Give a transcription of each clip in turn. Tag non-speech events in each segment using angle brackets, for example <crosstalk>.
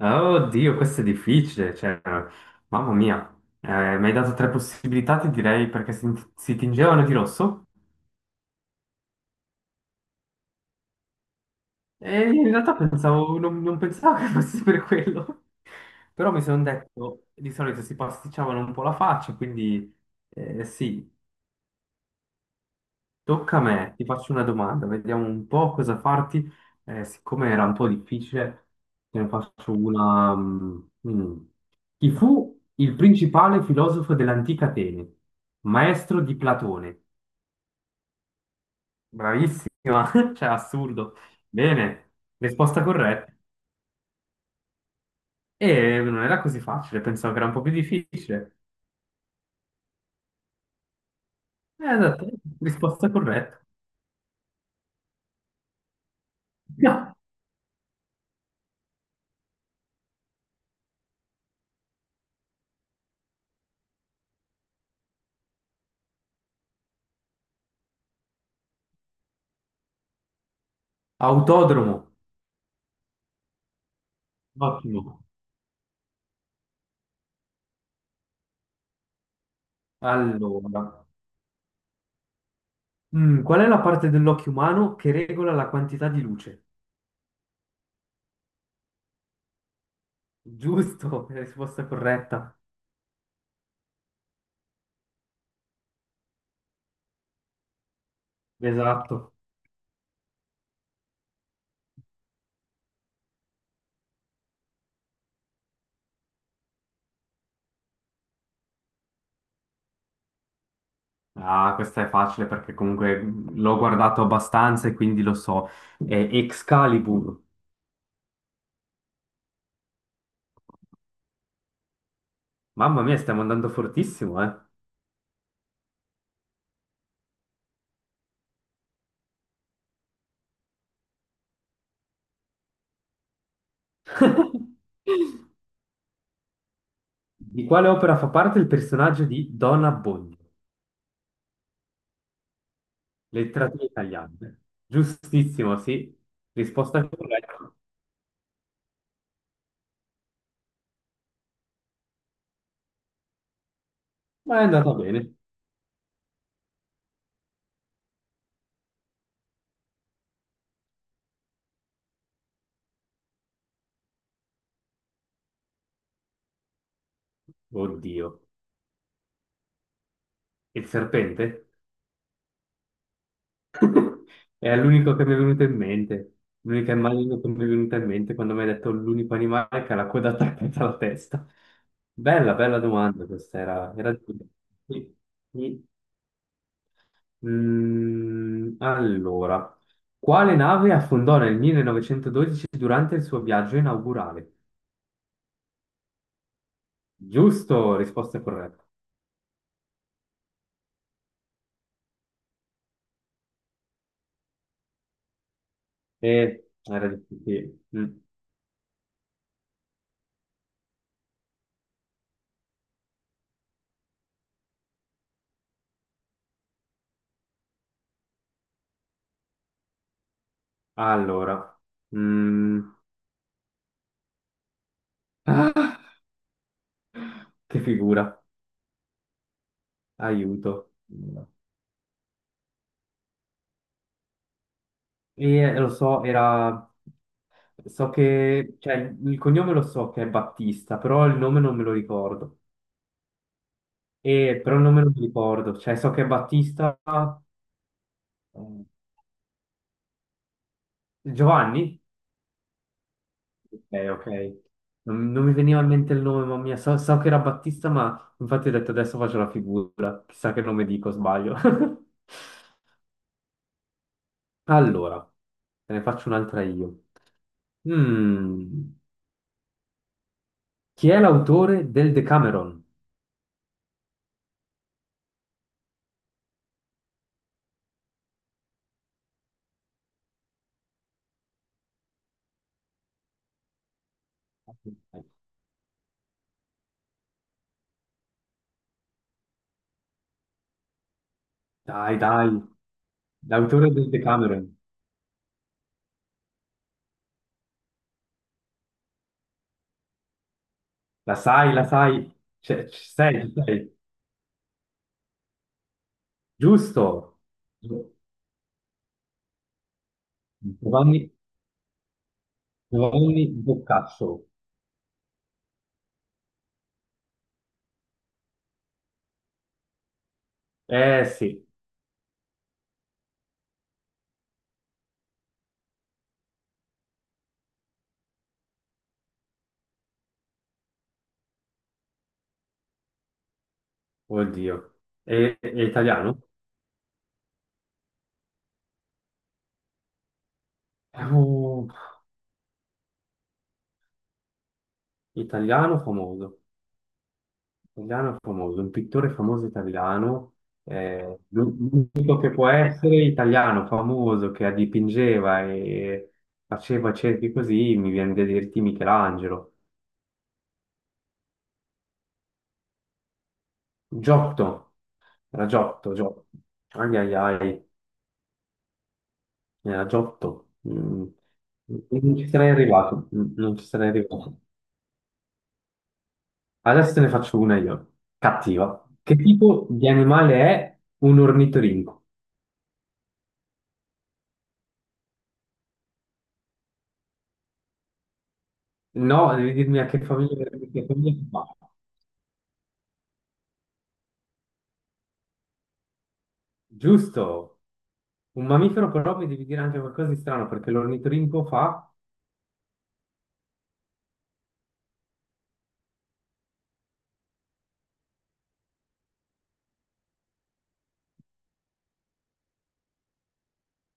Ah, oddio, questo è difficile, cioè, mamma mia, mi hai dato tre possibilità, ti direi, perché si tingevano di rosso e in realtà pensavo, non pensavo che fosse per quello, però mi sono detto, di solito si pasticciavano un po' la faccia, quindi sì. Tocca a me, ti faccio una domanda, vediamo un po' cosa farti. Siccome era un po' difficile, te ne faccio una. Mm. Chi fu il principale filosofo dell'antica Atene? Maestro di Platone. Bravissima, <laughs> cioè assurdo. Bene, risposta corretta. E non era così facile, pensavo che era un po' più difficile. Esatto, risposta corretta. <laughs> Autodromo, ottimo. Allora. Qual è la parte dell'occhio umano che regola la quantità di luce? Giusto, <laughs> è la risposta corretta. Esatto. Ah, questa è facile perché comunque l'ho guardato abbastanza e quindi lo so. È Excalibur. Mamma mia, stiamo andando fortissimo, eh. <laughs> Di quale opera fa parte il personaggio di Don Abbondio? Letteratura italiana. Giustissimo, sì. Risposta corretta. Ma è andata bene. Oddio. Il serpente? <laughs> È l'unico che mi è venuto in mente, l'unica immagine che mi è venuta in mente quando mi hai detto l'unico animale che ha la coda attaccata <laughs> alla testa. Bella, bella domanda questa, era, era dura. Sì, sì. Allora, quale nave affondò nel 1912 durante il suo viaggio inaugurale? Giusto, risposta corretta. Era difficile. Mm. Allora, mm, ah, che figura, aiuto. Lo so, era... So che... Cioè, il cognome lo so che è Battista, però il nome non me lo ricordo. E, però il nome non mi ricordo. Cioè, so che è Battista... eh, Giovanni? Ok, ok. Non mi veniva in mente il nome, mamma mia. So che era Battista, ma infatti ho detto adesso faccio la figura. Chissà che nome dico, sbaglio. <laughs> Allora, te ne faccio un'altra io. Mm, Chi è l'autore del Decameron? Dai, dai, l'autore del Decameron, la sai, ci sei, giusto, Giovanni, Giovanni Boccaccio, eh sì, oddio, è italiano? È un italiano famoso, italiano famoso, un pittore famoso italiano, l'unico che può essere italiano famoso che dipingeva e faceva cerchi così, mi viene da dirti Michelangelo, Giotto. Era Giotto, Giotto. Ai ai ai, era Giotto. Mm. Non ci sarei arrivato, non ci sarei arrivato. Adesso te ne faccio una io. Cattiva. Che tipo di animale è un ornitorinco? No, devi dirmi a che famiglia fa. Giusto. Un mammifero però mi devi dire anche qualcosa di strano perché l'ornitorinco fa...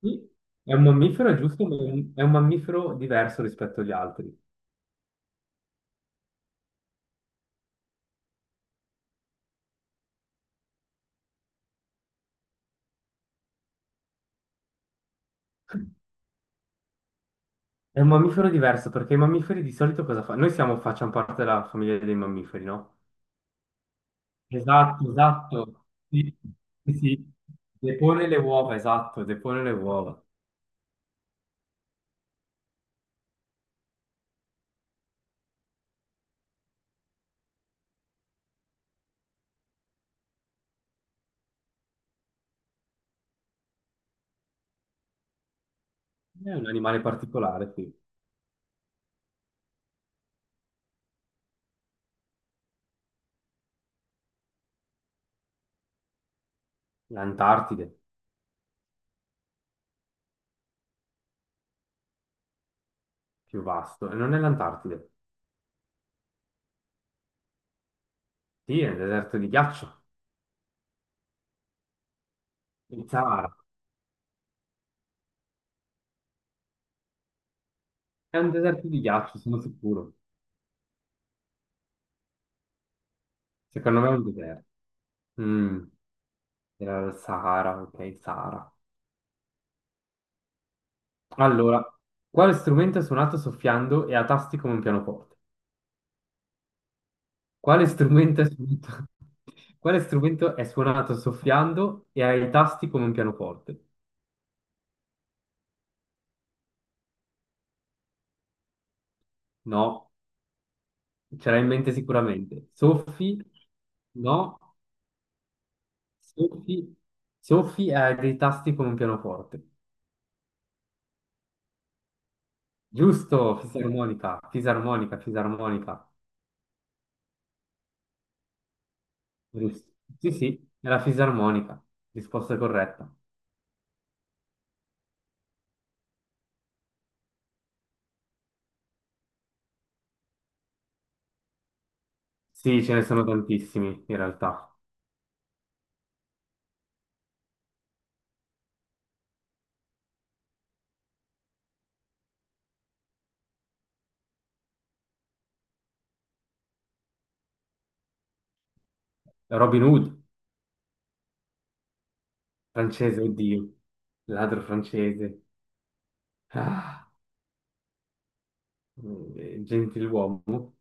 Sì, è un mammifero, è giusto, ma è un mammifero diverso rispetto agli altri. È un mammifero diverso perché i mammiferi di solito cosa fanno? Noi siamo, facciamo parte della famiglia dei mammiferi, no? Esatto, esatto. Sì, sì, sì. Depone le uova, esatto, depone le uova. È un animale particolare qui. L'Antartide, più vasto. E non è l'Antartide. Sì, è un deserto di ghiaccio. Il Sahara. È un deserto di ghiaccio, sono sicuro. Secondo me è un deserto. Mm, era il Sahara, ok, Sahara. Allora, quale strumento è suonato soffiando e a tasti come un pianoforte? Quale strumento è suonato? <laughs> Quale strumento è suonato soffiando e ha i tasti come un pianoforte? No, ce l'hai in mente sicuramente. Soffi, no, soffi, soffi e ha dei tasti come un pianoforte. Giusto, fisarmonica, fisarmonica, fisarmonica. Giusto. Sì, sì, è la fisarmonica. Risposta corretta. Sì, ce ne sono tantissimi in realtà. Robin Hood, francese, oddio, ladro francese. Ah. Gentiluomo,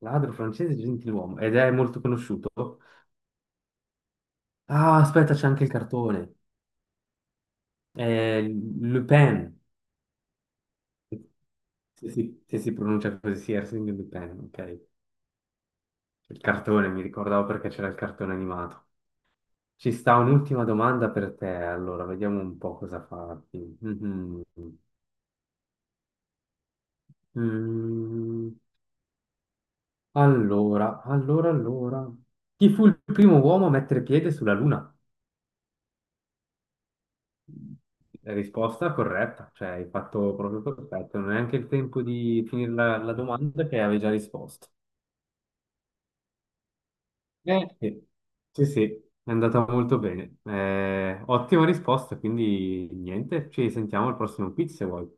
ladro francese Gentiluomo, ed è molto conosciuto. Ah, aspetta, c'è anche il cartone. È Le Pen, se si pronuncia così, sì, Arsène Lupin, ok. Il cartone, mi ricordavo perché c'era il cartone animato. Ci sta un'ultima domanda per te, allora, vediamo un po' cosa farti. Mhm. Mm, allora, allora, allora. Chi fu il primo uomo a mettere piede sulla Luna? La risposta corretta, cioè hai fatto proprio perfetto, non è neanche il tempo di finire la domanda che avevi già risposto. Sì, sì, sì, è andata molto bene. Ottima risposta, quindi niente, ci sentiamo al prossimo quiz se vuoi.